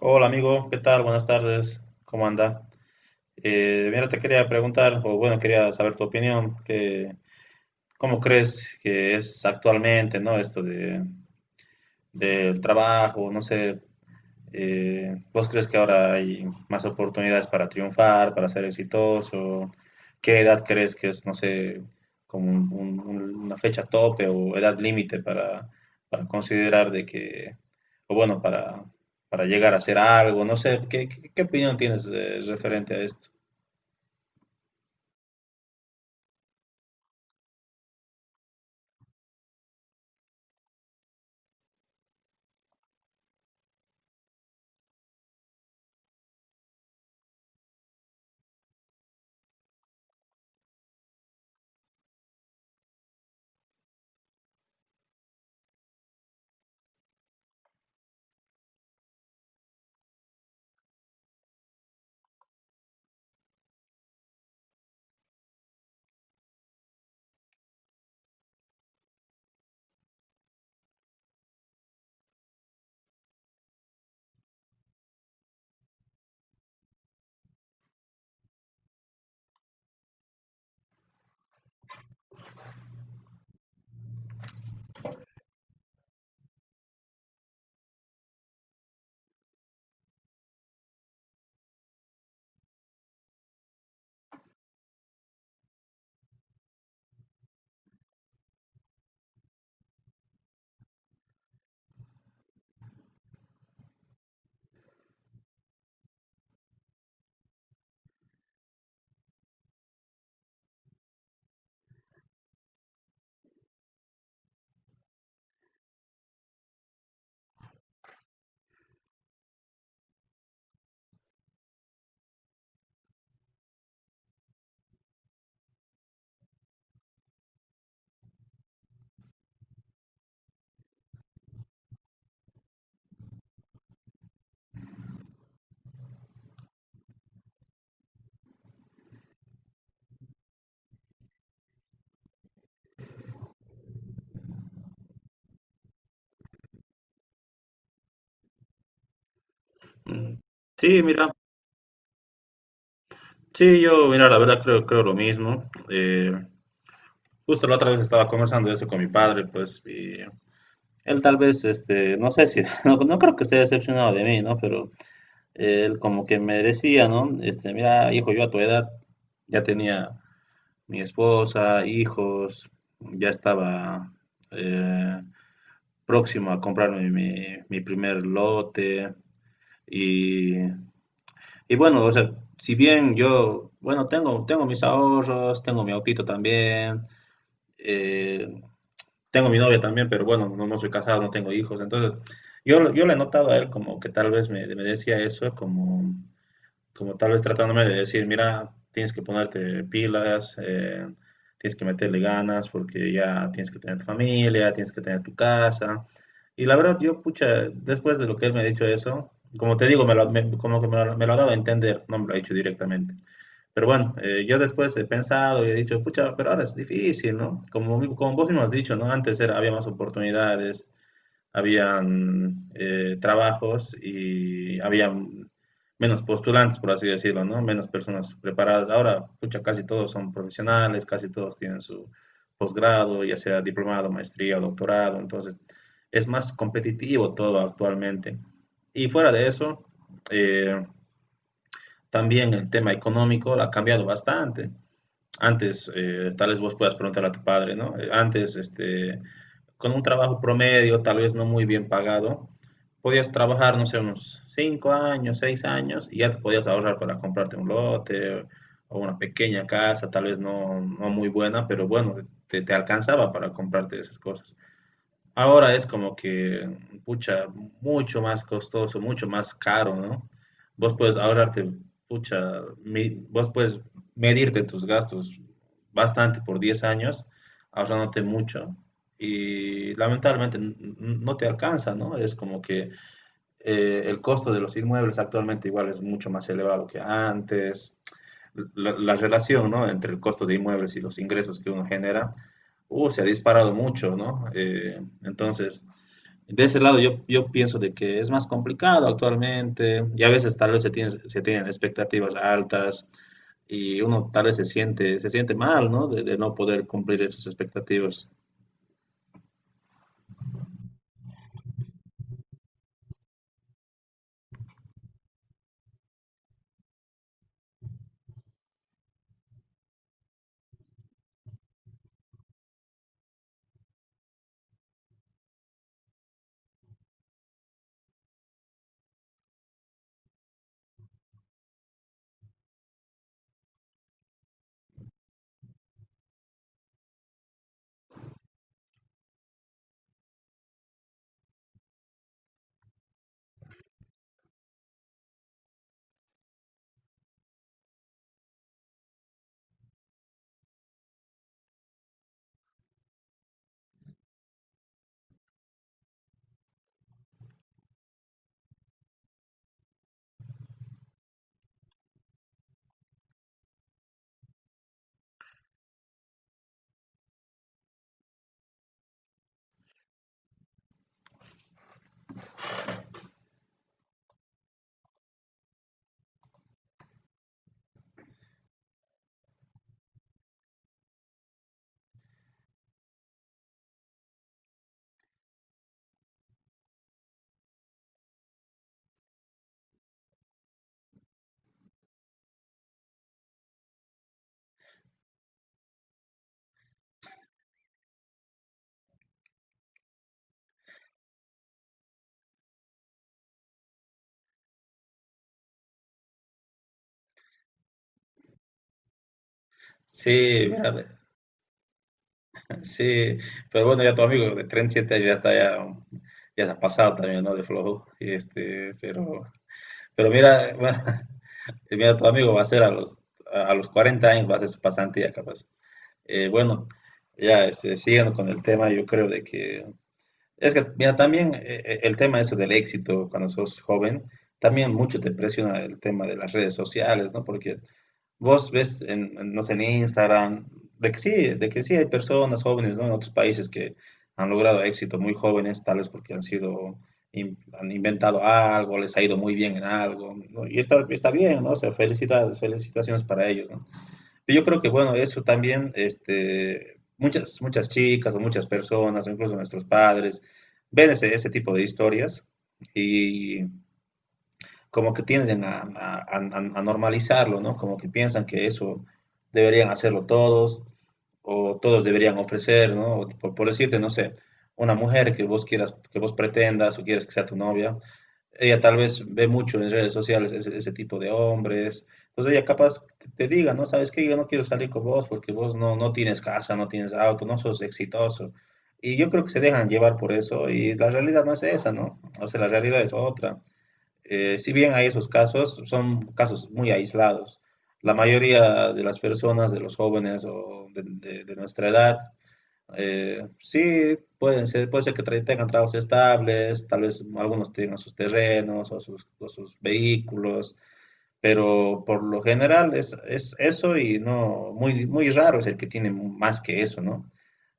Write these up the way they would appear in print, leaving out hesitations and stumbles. Hola amigo, ¿qué tal? Buenas tardes, ¿cómo anda? Mira, te quería preguntar, o bueno, quería saber tu opinión, que, ¿cómo crees que es actualmente? ¿No? Esto de, del trabajo, no sé, ¿vos crees que ahora hay más oportunidades para triunfar, para ser exitoso? ¿Qué edad crees que es, no sé, como una fecha tope o edad límite para considerar de que, o bueno, para llegar a hacer algo? No sé, ¿qué opinión tienes referente a esto? Mm, sí, mira, sí, yo, mira, la verdad creo lo mismo. Justo la otra vez estaba conversando de eso con mi padre, pues. Él tal vez, este, no sé si, no, no creo que esté decepcionado de mí, ¿no? Pero él como que me decía, ¿no? Este, mira, hijo, yo a tu edad ya tenía mi esposa, hijos, ya estaba eh, próximo a comprarme mi primer lote y bueno, o sea, si bien yo, bueno, tengo mis ahorros, tengo mi autito también, eh, tengo mi novia también, pero bueno, no, no soy casado, no tengo hijos. Entonces, yo le he notado a él como que tal vez me decía eso, como, como tal vez tratándome de decir, mira, tienes que ponerte pilas, tienes que meterle ganas porque ya tienes que tener tu familia, tienes que tener tu casa. Y la verdad, yo, pucha, después de lo que él me ha dicho eso, como te digo, como que me lo ha dado a entender, no me lo ha dicho directamente. Pero bueno, yo después he pensado y he dicho, pucha, pero ahora es difícil, ¿no? Como, como vos mismo has dicho, ¿no? Antes era, había más oportunidades, habían trabajos y había menos postulantes, por así decirlo, ¿no? Menos personas preparadas. Ahora, pucha, casi todos son profesionales, casi todos tienen su posgrado, ya sea diplomado, maestría o doctorado. Entonces, es más competitivo todo actualmente. Y fuera de eso, eh, también el tema económico ha cambiado bastante. Antes, tal vez vos puedas preguntar a tu padre, ¿no? Antes, este, con un trabajo promedio, tal vez no muy bien pagado, podías trabajar, no sé, unos 5 años, 6 años, y ya te podías ahorrar para comprarte un lote o una pequeña casa, tal vez no, no muy buena, pero bueno, te alcanzaba para comprarte esas cosas. Ahora es como que, pucha, mucho más costoso, mucho más caro, ¿no? Vos puedes ahorrarte, pucha, vos puedes medirte tus gastos bastante por 10 años, ahorrándote mucho. Y lamentablemente no te alcanza, ¿no? Es como que el costo de los inmuebles actualmente igual es mucho más elevado que antes. La relación, ¿no?, entre el costo de inmuebles y los ingresos que uno genera, se ha disparado mucho, ¿no? Entonces, de ese lado yo pienso de que es más complicado actualmente y a veces tal vez se tienen expectativas altas y uno tal vez se siente mal, ¿no? De no poder cumplir esas expectativas. Sí, mira, sí, pero bueno, ya tu amigo de 37 años ya está, ya, ya se ha pasado también, ¿no? De flojo, y este, pero mira, mira, tu amigo va a ser a los 40 años, va a hacer su pasantía capaz. Bueno, ya, este, siguiendo con el tema, yo creo de que, es que, mira, también el tema eso del éxito cuando sos joven, también mucho te presiona el tema de las redes sociales, ¿no? Porque vos ves, no sé, en Instagram, de que sí hay personas jóvenes, ¿no? En otros países que han logrado éxito muy jóvenes, tales porque han sido, han inventado algo, les ha ido muy bien en algo, ¿no? Y está bien, ¿no? O sea, felicidades, felicitaciones para ellos, ¿no? Yo creo que, bueno, eso también, este, muchas chicas o muchas personas, incluso nuestros padres, ven ese tipo de historias y como que tienden a normalizarlo, ¿no? Como que piensan que eso deberían hacerlo todos o todos deberían ofrecer, ¿no? O por decirte, no sé, una mujer que vos quieras, que vos pretendas o quieres que sea tu novia, ella tal vez ve mucho en redes sociales ese tipo de hombres. Entonces ella capaz te diga, ¿no? ¿Sabes qué? Yo no quiero salir con vos porque vos no, no tienes casa, no tienes auto, no sos exitoso. Y yo creo que se dejan llevar por eso y la realidad no es esa, ¿no? O sea, la realidad es otra. Si bien hay esos casos, son casos muy aislados. La mayoría de las personas, de los jóvenes o de, de nuestra edad, sí, puede ser que tengan trabajos estables, tal vez algunos tengan sus terrenos o sus vehículos, pero por lo general es eso y no, muy raro es el que tiene más que eso, ¿no?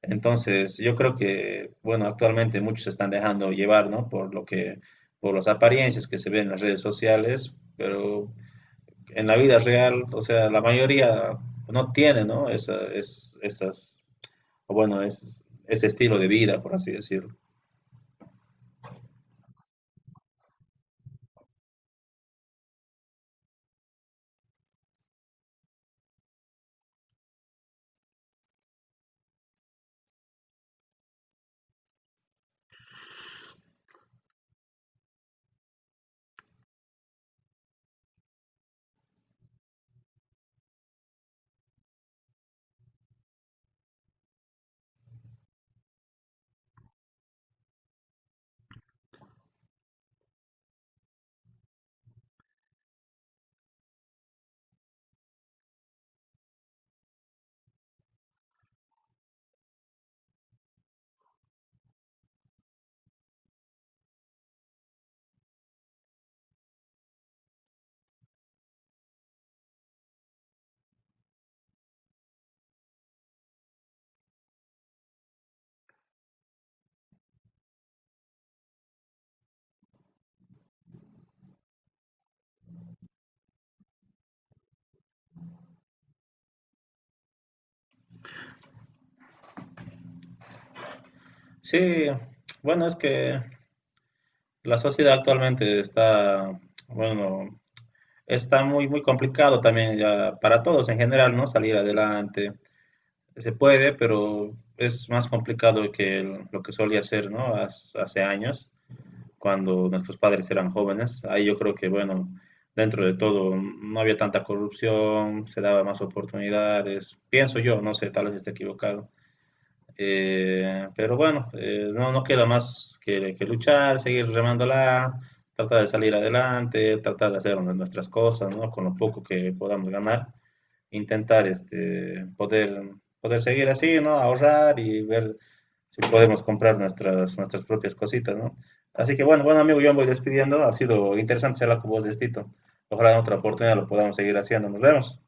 Entonces, yo creo que, bueno, actualmente muchos se están dejando llevar, ¿no? Por lo que, por las apariencias que se ven en las redes sociales, pero en la vida real, o sea, la mayoría no tiene, ¿no?, esas o bueno, es, ese estilo de vida, por así decirlo. Sí, bueno, es que la sociedad actualmente está, bueno, está muy, muy complicado también ya para todos en general, ¿no? Salir adelante. Se puede, pero es más complicado que lo que solía ser, ¿no? Hace años, cuando nuestros padres eran jóvenes. Ahí yo creo que, bueno, dentro de todo no había tanta corrupción, se daba más oportunidades. Pienso yo, no sé, tal vez esté equivocado. Pero bueno, no, no queda más que luchar, seguir remándola, tratar de salir adelante, tratar de hacer nuestras cosas, ¿no? Con lo poco que podamos ganar, intentar este, poder, poder seguir así, ¿no? Ahorrar y ver si podemos comprar nuestras, nuestras propias cositas, ¿no? Así que bueno, bueno amigo, yo me voy despidiendo. Ha sido interesante charlar con vos de esto. Ojalá en otra oportunidad lo podamos seguir haciendo. Nos vemos.